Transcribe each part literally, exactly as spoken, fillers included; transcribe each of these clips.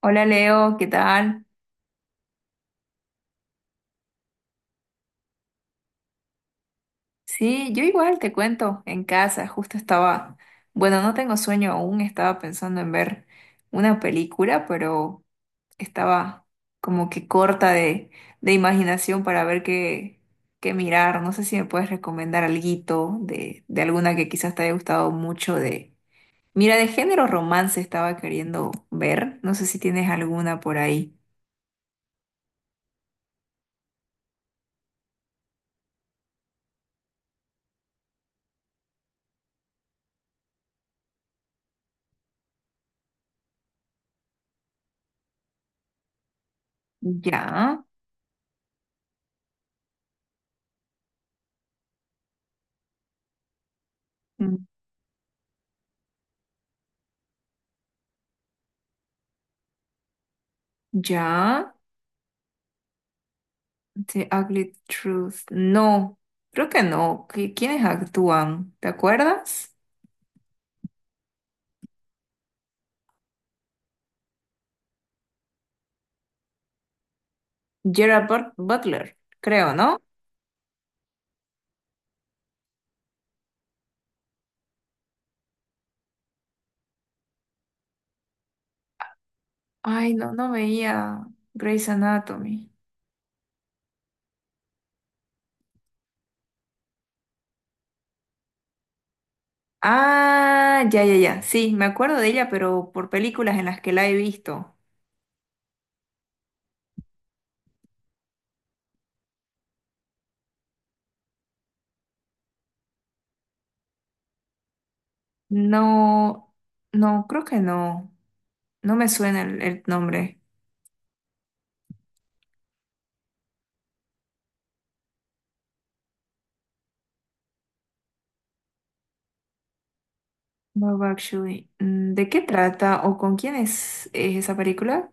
Hola Leo, ¿qué tal? Sí, yo igual te cuento, en casa, justo estaba, bueno, no tengo sueño aún, estaba pensando en ver una película, pero estaba como que corta de, de imaginación para ver qué, qué mirar. No sé si me puedes recomendar alguito de, de alguna que quizás te haya gustado mucho de. Mira, de género romance estaba queriendo ver, no sé si tienes alguna por ahí. Ya, mm, ya. The Ugly Truth. No, creo que no. ¿Qui- ¿Quiénes actúan? ¿Te acuerdas? Gerard But- Butler, creo, ¿no? Ay, no, no veía Grey's Anatomy. Ah, ya, ya, ya. Sí, me acuerdo de ella, pero por películas en las que la he visto. No, no, creo que no. No me suena el, el nombre. No, actually. Mm, ¿de qué trata o con quién es, es esa película?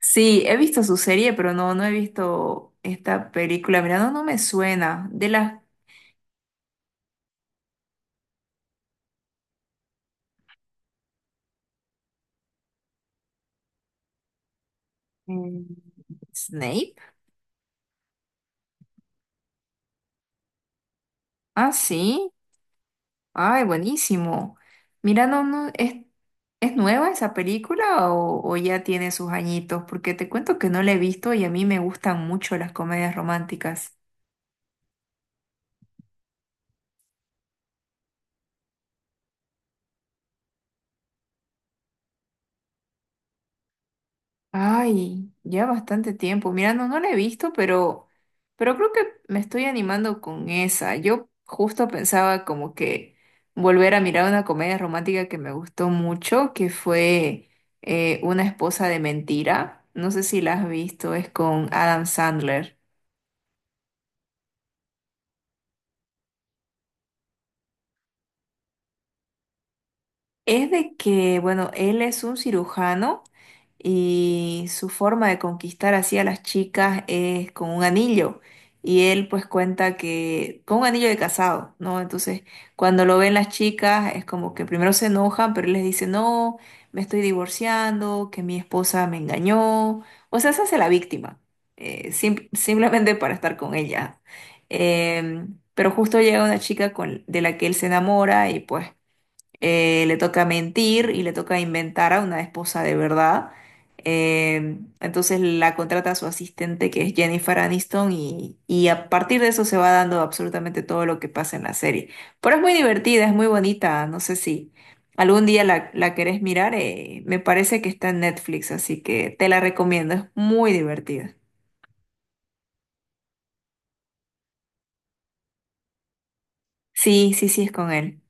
Sí, he visto su serie, pero no, no he visto esta película. Mira, no, no me suena. De las mm, Snape. Ah, sí. Ay, buenísimo. Mira, no, no, ¿es, es nueva esa película o, o ya tiene sus añitos? Porque te cuento que no la he visto y a mí me gustan mucho las comedias románticas. Ay, ya bastante tiempo. Mira, no, no la he visto, pero, pero creo que me estoy animando con esa. Yo justo pensaba como que volver a mirar una comedia romántica que me gustó mucho, que fue eh, Una esposa de mentira. No sé si la has visto, es con Adam Sandler. Es de que, bueno, él es un cirujano y su forma de conquistar así a las chicas es con un anillo. Y él pues cuenta que con un anillo de casado, ¿no? Entonces, cuando lo ven las chicas, es como que primero se enojan, pero él les dice, no, me estoy divorciando, que mi esposa me engañó. O sea, se hace la víctima, eh, sim- simplemente para estar con ella. Em, pero justo llega una chica con, de la que él se enamora y pues eh, le toca mentir y le toca inventar a una esposa de verdad. Eh, entonces la contrata a su asistente que es Jennifer Aniston y, y a partir de eso se va dando absolutamente todo lo que pasa en la serie. Pero es muy divertida, es muy bonita, no sé si algún día la, la querés mirar, eh, me parece que está en Netflix, así que te la recomiendo, es muy divertida. Sí, sí, sí, es con él.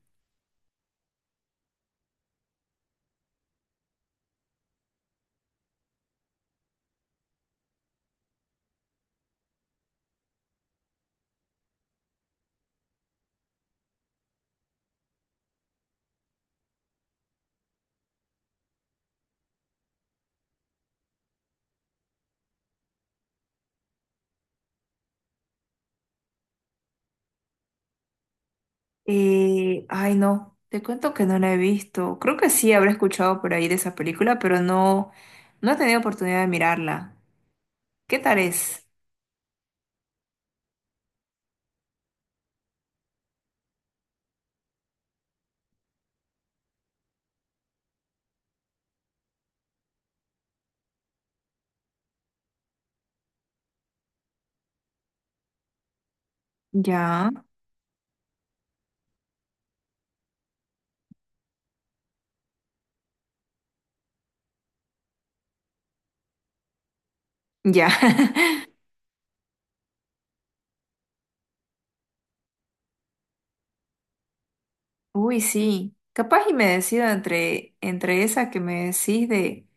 Eh, ay, no, te cuento que no la he visto. Creo que sí habré escuchado por ahí de esa película, pero no, no he tenido oportunidad de mirarla. ¿Qué tal es? Ya, ya. Uy, sí. Capaz y me decido entre, entre esa que me decís de,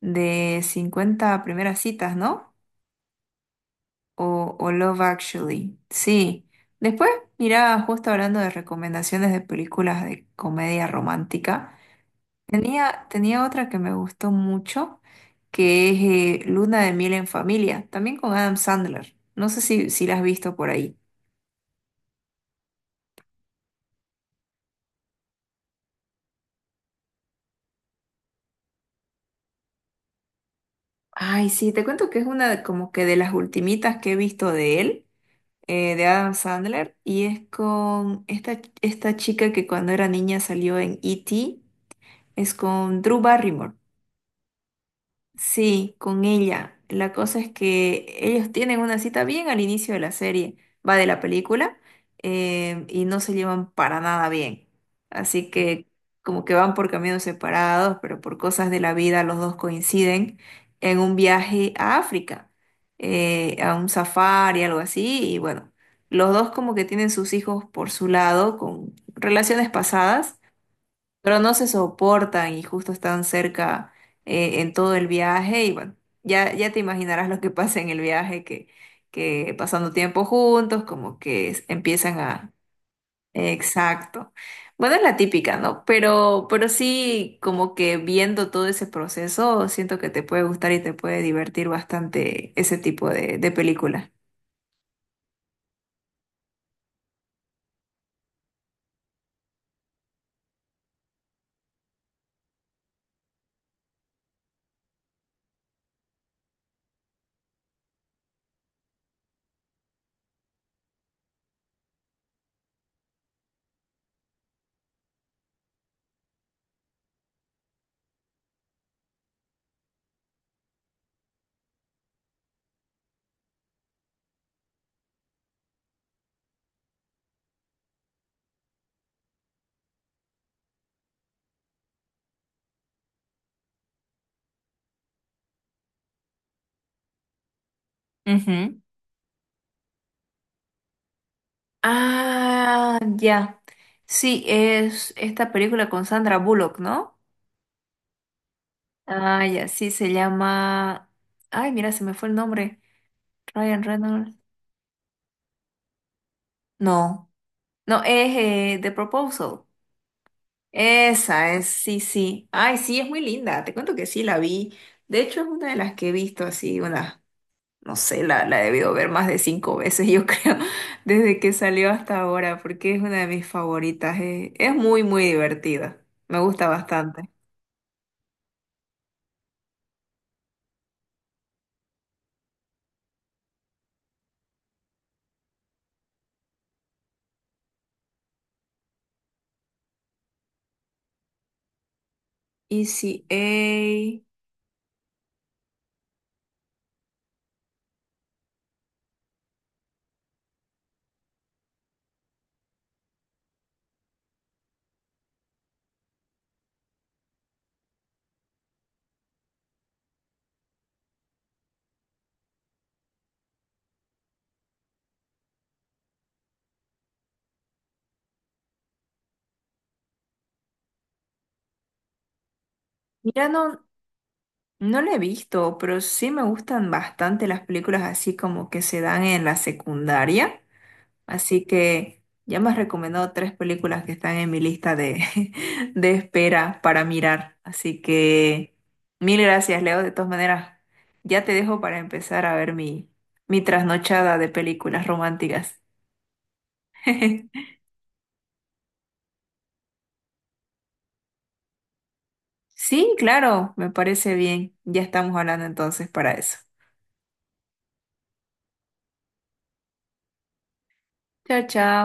de cincuenta primeras citas, ¿no? O, o Love Actually. Sí. Después, mira, justo hablando de recomendaciones de películas de comedia romántica. Tenía, tenía otra que me gustó mucho, que es eh, Luna de miel en familia, también con Adam Sandler. No sé si, si la has visto por ahí. Ay, sí, te cuento que es una de- como que de las ultimitas que he visto de él, eh, de Adam Sandler, y es con esta, esta chica que cuando era niña salió en E T, es con Drew Barrymore. Sí, con ella. La cosa es que ellos tienen una cita bien al inicio de la serie, va de la película, em, y no se llevan para nada bien. Así que como que van por caminos separados, pero por cosas de la vida los dos coinciden en un viaje a África, eh, a un safari, algo así, y bueno, los dos como que tienen sus hijos por su lado, con relaciones pasadas pero no se soportan y justo están cerca eh, en todo el viaje y bueno, ya, ya te imaginarás lo que pasa en el viaje, que, que pasando tiempo juntos, como que es- empiezan a. Exacto. Bueno, es la típica, ¿no? Pero, pero sí, como que viendo todo ese proceso, siento que te puede gustar y te puede divertir bastante ese tipo de, de película. Ah, ya. Sí, es esta película con Sandra Bullock, ¿no? Ah, ya, sí, se llama. Ay, mira, se me fue el nombre. Ryan Reynolds. No, no, es eh, The Proposal. Esa es, sí, sí. Ay, sí, es muy linda. Te cuento que sí, la vi. De hecho, es una de las que he visto así, una, no sé, la, la he debido ver más de cinco veces, yo creo, desde que salió hasta ahora, porque es una de mis favoritas. eh. Es muy, muy divertida. Me gusta bastante. Easy A. Mira, no, no la he visto, pero sí me gustan bastante las películas así como que se dan en la secundaria. Así que ya me has recomendado tres películas que están en mi lista de, de espera para mirar. Así que mil gracias, Leo. De todas maneras, ya te dejo para empezar a ver mi, mi trasnochada de películas románticas. Sí, claro, me parece bien. Ya estamos hablando entonces para eso. Chao, chao.